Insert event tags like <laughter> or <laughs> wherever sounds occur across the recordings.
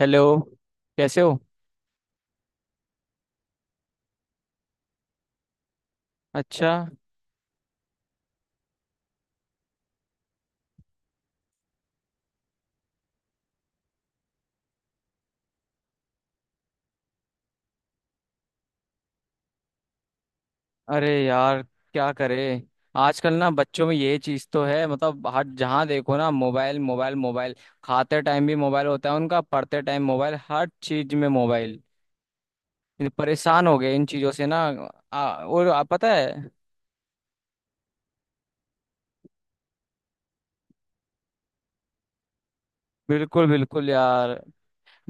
Hello. कैसे हो? अच्छा। अरे यार, क्या करे। आजकल ना बच्चों में ये चीज तो है, मतलब हर जहाँ देखो ना मोबाइल मोबाइल मोबाइल। खाते टाइम भी मोबाइल होता है उनका, पढ़ते टाइम मोबाइल, हर चीज में मोबाइल। ये परेशान हो गए इन चीजों से ना। और आप पता है। बिल्कुल बिल्कुल यार,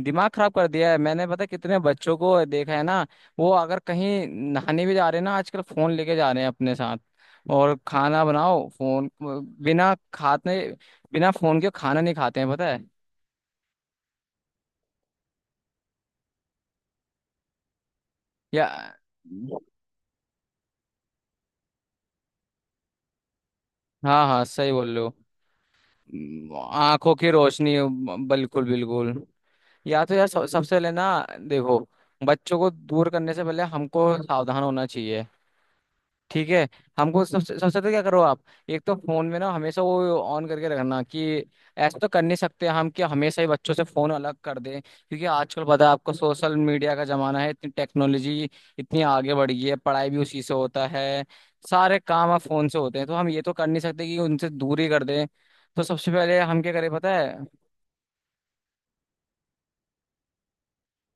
दिमाग खराब कर दिया है। मैंने पता है कितने बच्चों को देखा है ना। वो अगर कहीं नहाने भी जा रहे हैं ना आजकल, फोन लेके जा रहे हैं अपने साथ। और खाना बनाओ, फोन बिना खाते, बिना फोन के खाना नहीं खाते हैं पता है। या हाँ हाँ, सही बोल रहे। हो आंखों की रोशनी। बिल्कुल बिल्कुल। या तो यार, सबसे पहले ना देखो। बच्चों को दूर करने से पहले हमको सावधान होना चाहिए। ठीक है। हमको सबसे सबसे पहले क्या करो आप। एक तो फोन में ना हमेशा वो ऑन करके रखना कि ऐसा तो कर नहीं सकते हम कि हमेशा ही बच्चों से फोन अलग कर दें, क्योंकि आजकल पता है आपको सोशल मीडिया का जमाना है, इतनी टेक्नोलॉजी इतनी आगे बढ़ गई है, पढ़ाई भी उसी से होता है। सारे काम अब फोन से होते हैं तो हम ये तो कर नहीं सकते कि उनसे दूर ही कर दें। तो सबसे पहले हम क्या करें पता है।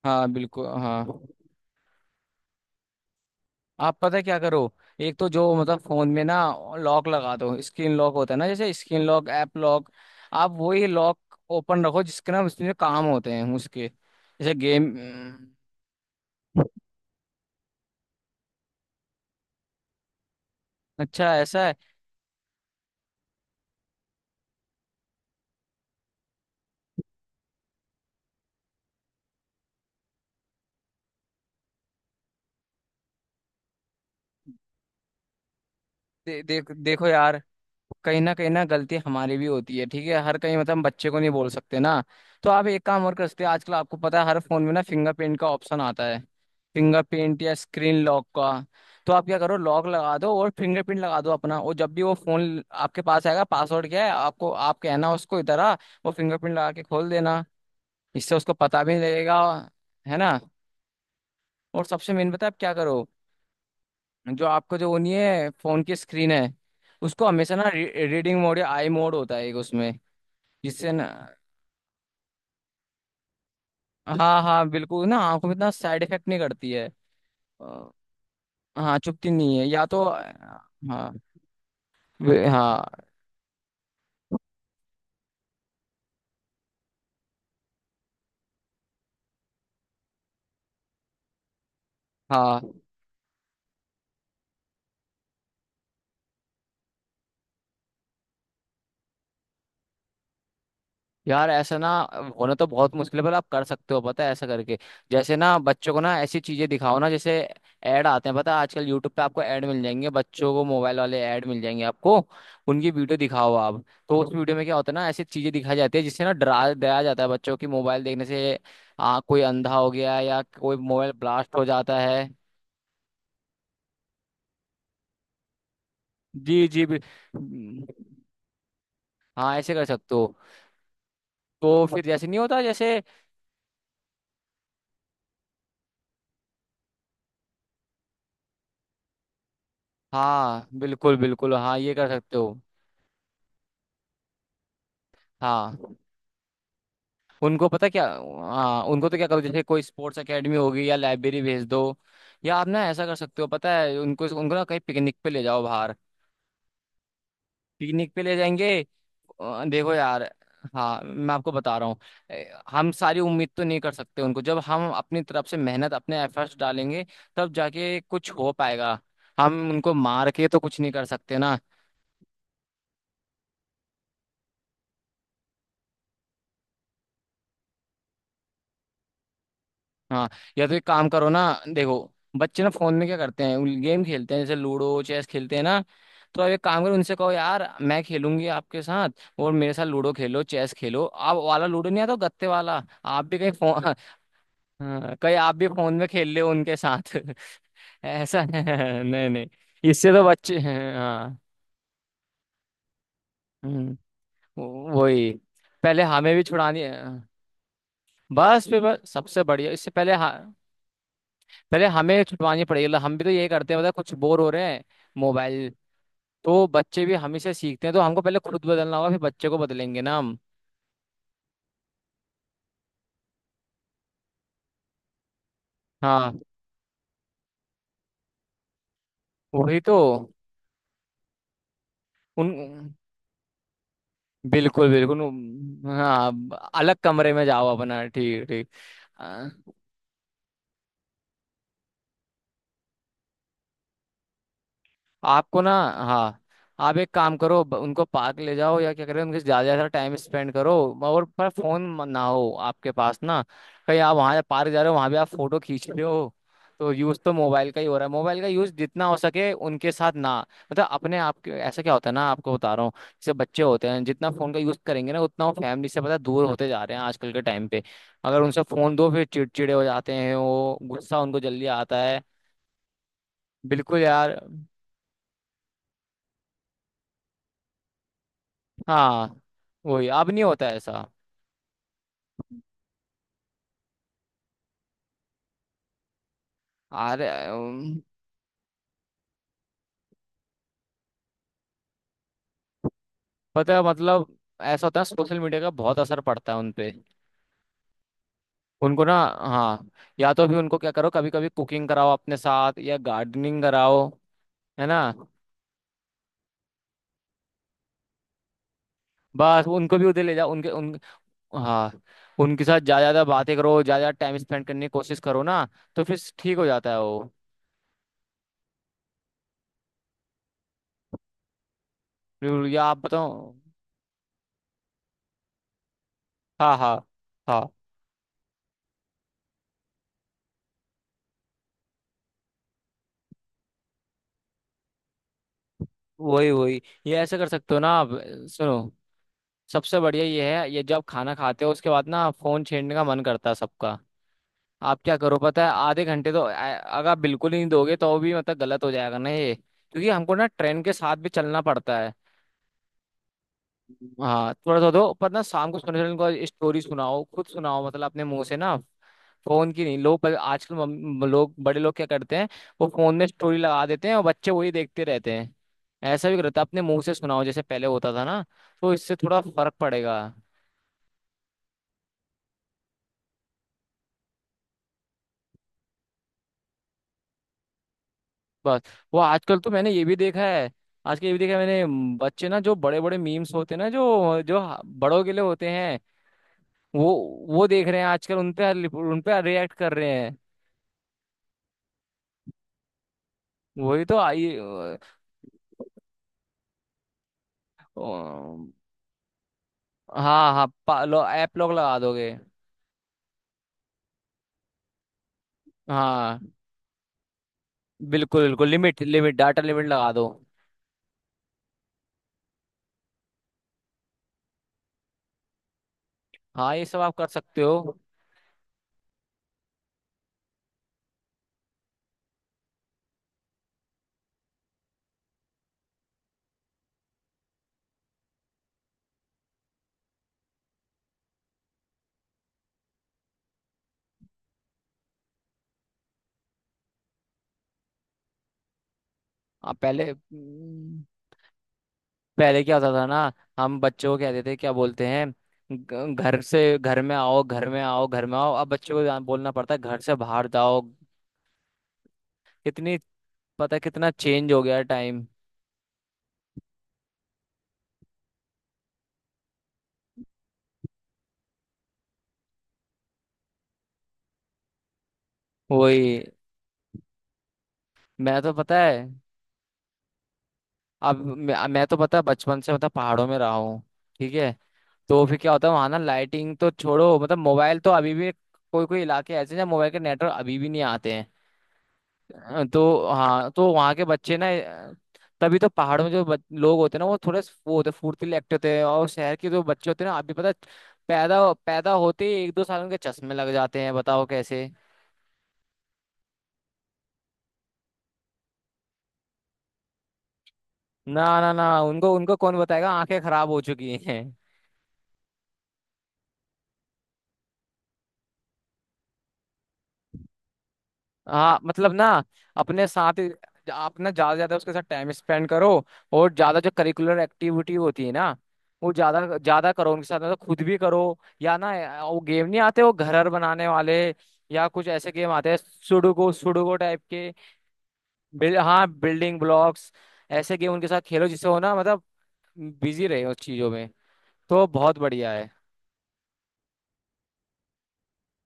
हाँ बिल्कुल हाँ। आप पता है क्या करो। एक तो जो मतलब फोन में ना लॉक लगा दो, स्क्रीन लॉक होता है ना, जैसे स्क्रीन लॉक ऐप लॉक। आप वही लॉक ओपन रखो, जिसके ना उसमें काम होते हैं उसके, जैसे गेम। अच्छा ऐसा है। देखो यार, कहीं ना गलती हमारी भी होती है, ठीक है, हर कहीं मतलब हम बच्चे को नहीं बोल सकते ना। तो आप एक काम और कर सकते हैं, आजकल आपको पता है हर फोन में ना फिंगरप्रिंट का ऑप्शन आता है। फिंगरप्रिंट या स्क्रीन लॉक का। तो आप क्या करो, लॉक लगा दो और फिंगरप्रिंट लगा दो अपना, और जब भी वो फोन आपके पास आएगा पासवर्ड क्या है आपको, आप कहना उसको इधर आ। वो फिंगरप्रिंट लगा के खोल देना। इससे उसको पता भी नहीं लगेगा, है ना। और सबसे मेन पता है आप क्या करो, जो आपका जो वो नहीं है फोन की स्क्रीन है। उसको हमेशा ना रीडिंग मोड या आई मोड होता है एक उसमें, जिससे ना हाँ हाँ बिल्कुल, ना आंखों में इतना साइड इफेक्ट नहीं करती है। अ, हाँ, चुभती नहीं है या तो। हाँ। हाँ, हाँ यार ऐसा ना होना तो बहुत मुश्किल है, पर आप कर सकते हो पता है ऐसा करके। जैसे ना बच्चों को ना ऐसी चीजें दिखाओ ना, जैसे ऐड आते हैं पता है आजकल यूट्यूब पे, आपको ऐड मिल जाएंगे बच्चों को मोबाइल वाले, ऐड मिल जाएंगे आपको। उनकी वीडियो दिखाओ आप, तो उस वीडियो में क्या होता है ना, ऐसी चीजें दिखाई जाती है जिससे ना डरा डराया जाता है बच्चों की मोबाइल देखने से। कोई अंधा हो गया या कोई मोबाइल ब्लास्ट हो जाता है। जी जी। हाँ ऐसे कर सकते हो। तो फिर जैसे नहीं होता जैसे हाँ बिल्कुल बिल्कुल, हाँ ये कर सकते हो। हाँ उनको पता क्या। हाँ उनको तो क्या करो, जैसे कोई स्पोर्ट्स एकेडमी होगी या लाइब्रेरी भेज दो। या आप ना ऐसा कर सकते हो पता है, उनको उनको ना कहीं पिकनिक पे ले जाओ बाहर। पिकनिक पे ले जाएंगे। देखो यार, हाँ मैं आपको बता रहा हूँ। हम सारी उम्मीद तो नहीं कर सकते उनको, जब हम अपनी तरफ से मेहनत अपने एफर्ट्स डालेंगे तब जाके कुछ हो पाएगा। हम उनको मार के तो कुछ नहीं कर सकते ना। हाँ। या तो एक काम करो ना, देखो बच्चे ना फोन में क्या करते हैं, गेम खेलते हैं जैसे लूडो चेस खेलते हैं ना। तो अब एक काम करो, उनसे कहो यार मैं खेलूंगी आपके साथ, और मेरे साथ लूडो खेलो चेस खेलो, आप वाला लूडो नहीं आता वो गत्ते वाला, आप भी कहीं फोन <laughs> हाँ, कहीं आप भी फोन में खेल ले उनके साथ <laughs> ऐसा <laughs> नहीं नहीं। इससे तो बच्चे हैं। हाँ। हम्म, वही, पहले हमें भी छुड़ानी है। बस फिर बस सबसे बढ़िया, इससे पहले हाँ। पहले हमें छुटवानी पड़ेगी, मतलब हम भी तो यही करते हैं, मतलब कुछ बोर हो रहे हैं मोबाइल। तो बच्चे भी हमें से सीखते हैं, तो हमको पहले खुद बदलना होगा फिर बच्चे को बदलेंगे ना हम। हाँ वही तो। उन बिल्कुल बिल्कुल। हाँ अलग कमरे में जाओ अपना, ठीक ठीक आपको ना। हाँ आप एक काम करो, उनको पार्क ले जाओ या क्या करें, उनके साथ ज्यादा ज्यादा टाइम स्पेंड करो। और पर फोन ना हो आपके पास ना। कहीं आप वहाँ पार्क जा रहे हो, वहाँ भी आप फोटो खींच रहे हो। तो यूज तो मोबाइल का ही हो रहा है, मोबाइल का यूज जितना हो सके उनके साथ ना। मतलब अपने आप के ऐसा क्या होता है ना, आपको बता रहा हूँ, जैसे बच्चे होते हैं जितना फोन का यूज करेंगे ना उतना वो फैमिली से पता है, दूर होते जा रहे हैं आजकल के टाइम पे। अगर उनसे फोन दो फिर चिड़चिड़े हो जाते हैं, वो गुस्सा उनको जल्दी आता है। बिल्कुल यार। हाँ वही अब नहीं होता है ऐसा। अरे। पता है मतलब ऐसा होता है, सोशल मीडिया का बहुत असर पड़ता है उनपे। उनको ना, हाँ या तो भी उनको क्या करो, कभी कभी कुकिंग कराओ अपने साथ या गार्डनिंग कराओ। है ना। बस उनको भी उधर ले जाओ, उनके उन हाँ उनके साथ ज्यादा ज्यादा बातें करो, ज्यादा ज्यादा टाइम स्पेंड करने की कोशिश करो ना। तो फिर ठीक हो जाता है वो। बिल्कुल, या आप बताओ। हाँ हाँ हाँ, वही वही, ये ऐसे कर सकते हो ना आप। सुनो सबसे बढ़िया ये है, ये जब खाना खाते हो उसके बाद ना फोन छेड़ने का मन करता है सबका। आप क्या करो पता है, आधे घंटे तो अगर आप बिल्कुल ही नहीं दोगे तो भी मतलब गलत हो जाएगा ना ये, क्योंकि हमको ना ट्रेन के साथ भी चलना पड़ता है। हाँ थोड़ा सा दो, पर ना शाम को सोने से पहले उनको स्टोरी सुनाओ खुद सुनाओ, मतलब अपने मुंह से ना। फोन की नहीं, लोग आजकल लोग, बड़े लोग क्या करते हैं। वो फोन में स्टोरी लगा देते हैं और बच्चे वही देखते रहते हैं। ऐसा भी करता, अपने मुंह से सुनाओ जैसे पहले होता था ना, तो इससे थोड़ा फर्क पड़ेगा। बस वो आजकल तो मैंने ये भी देखा है। आजकल ये भी देखा है मैंने। बच्चे ना, जो बड़े बड़े मीम्स होते हैं ना, जो जो बड़ों के लिए होते हैं। वो वो देख रहे हैं आजकल, उन पे उन पे रिएक्ट कर रहे हैं। वही तो अ, हाँ हाँ ऐप लॉक लगा दोगे। हाँ बिल्कुल बिल्कुल, लिमिट लिमिट डाटा लिमिट लगा दो। हाँ ये सब आप कर सकते हो। आप पहले, पहले क्या होता था ना, हम बच्चों को कहते थे क्या बोलते हैं, घर से घर में आओ घर में आओ घर में आओ, अब बच्चों को बोलना पड़ता है घर से बाहर जाओ। कितनी पता है कितना चेंज हो गया टाइम। वही, मैं तो पता है। अब मैं तो पता है बचपन से मतलब पहाड़ों में रहा हूँ। ठीक है। तो फिर क्या होता है वहां ना, लाइटिंग तो छोड़ो मतलब मोबाइल तो अभी भी कोई कोई इलाके ऐसे हैं जहाँ मोबाइल के नेटवर्क अभी भी नहीं आते हैं। तो हाँ, तो वहाँ के बच्चे ना तभी तो पहाड़ों में जो लोग होते हैं ना वो थोड़े वो होते हैं, फुर्तीले एक्टिव होते हैं, और शहर के जो बच्चे होते हैं ना, आप भी पता है, पैदा पैदा होते ही एक दो साल उनके चश्मे लग जाते हैं, बताओ कैसे। ना ना ना, उनको उनको कौन बताएगा आंखें खराब हो चुकी हैं। हाँ मतलब ना, अपने साथ ही आप ना ज्यादा से ज्यादा उसके साथ टाइम स्पेंड करो, और ज्यादा जो करिकुलर एक्टिविटी होती है ना, वो ज्यादा ज्यादा करो उनके साथ, मतलब खुद भी करो। या ना वो गेम नहीं आते वो घर हर बनाने वाले, या कुछ ऐसे गेम आते हैं सुडोको सुडोको टाइप के। हाँ बिल्डिंग ब्लॉक्स, ऐसे गेम उनके साथ खेलो जिससे वो ना मतलब बिजी रहे उस चीजों में। तो बहुत बढ़िया है।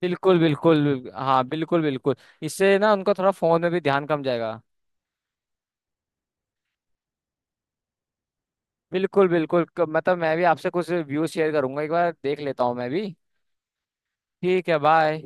बिल्कुल बिल्कुल हाँ, बिल्कुल बिल्कुल, इससे ना उनका थोड़ा फोन में भी ध्यान कम जाएगा। बिल्कुल बिल्कुल, मतलब मैं भी आपसे कुछ व्यूज शेयर करूंगा, एक बार देख लेता हूँ मैं भी। ठीक है, बाय।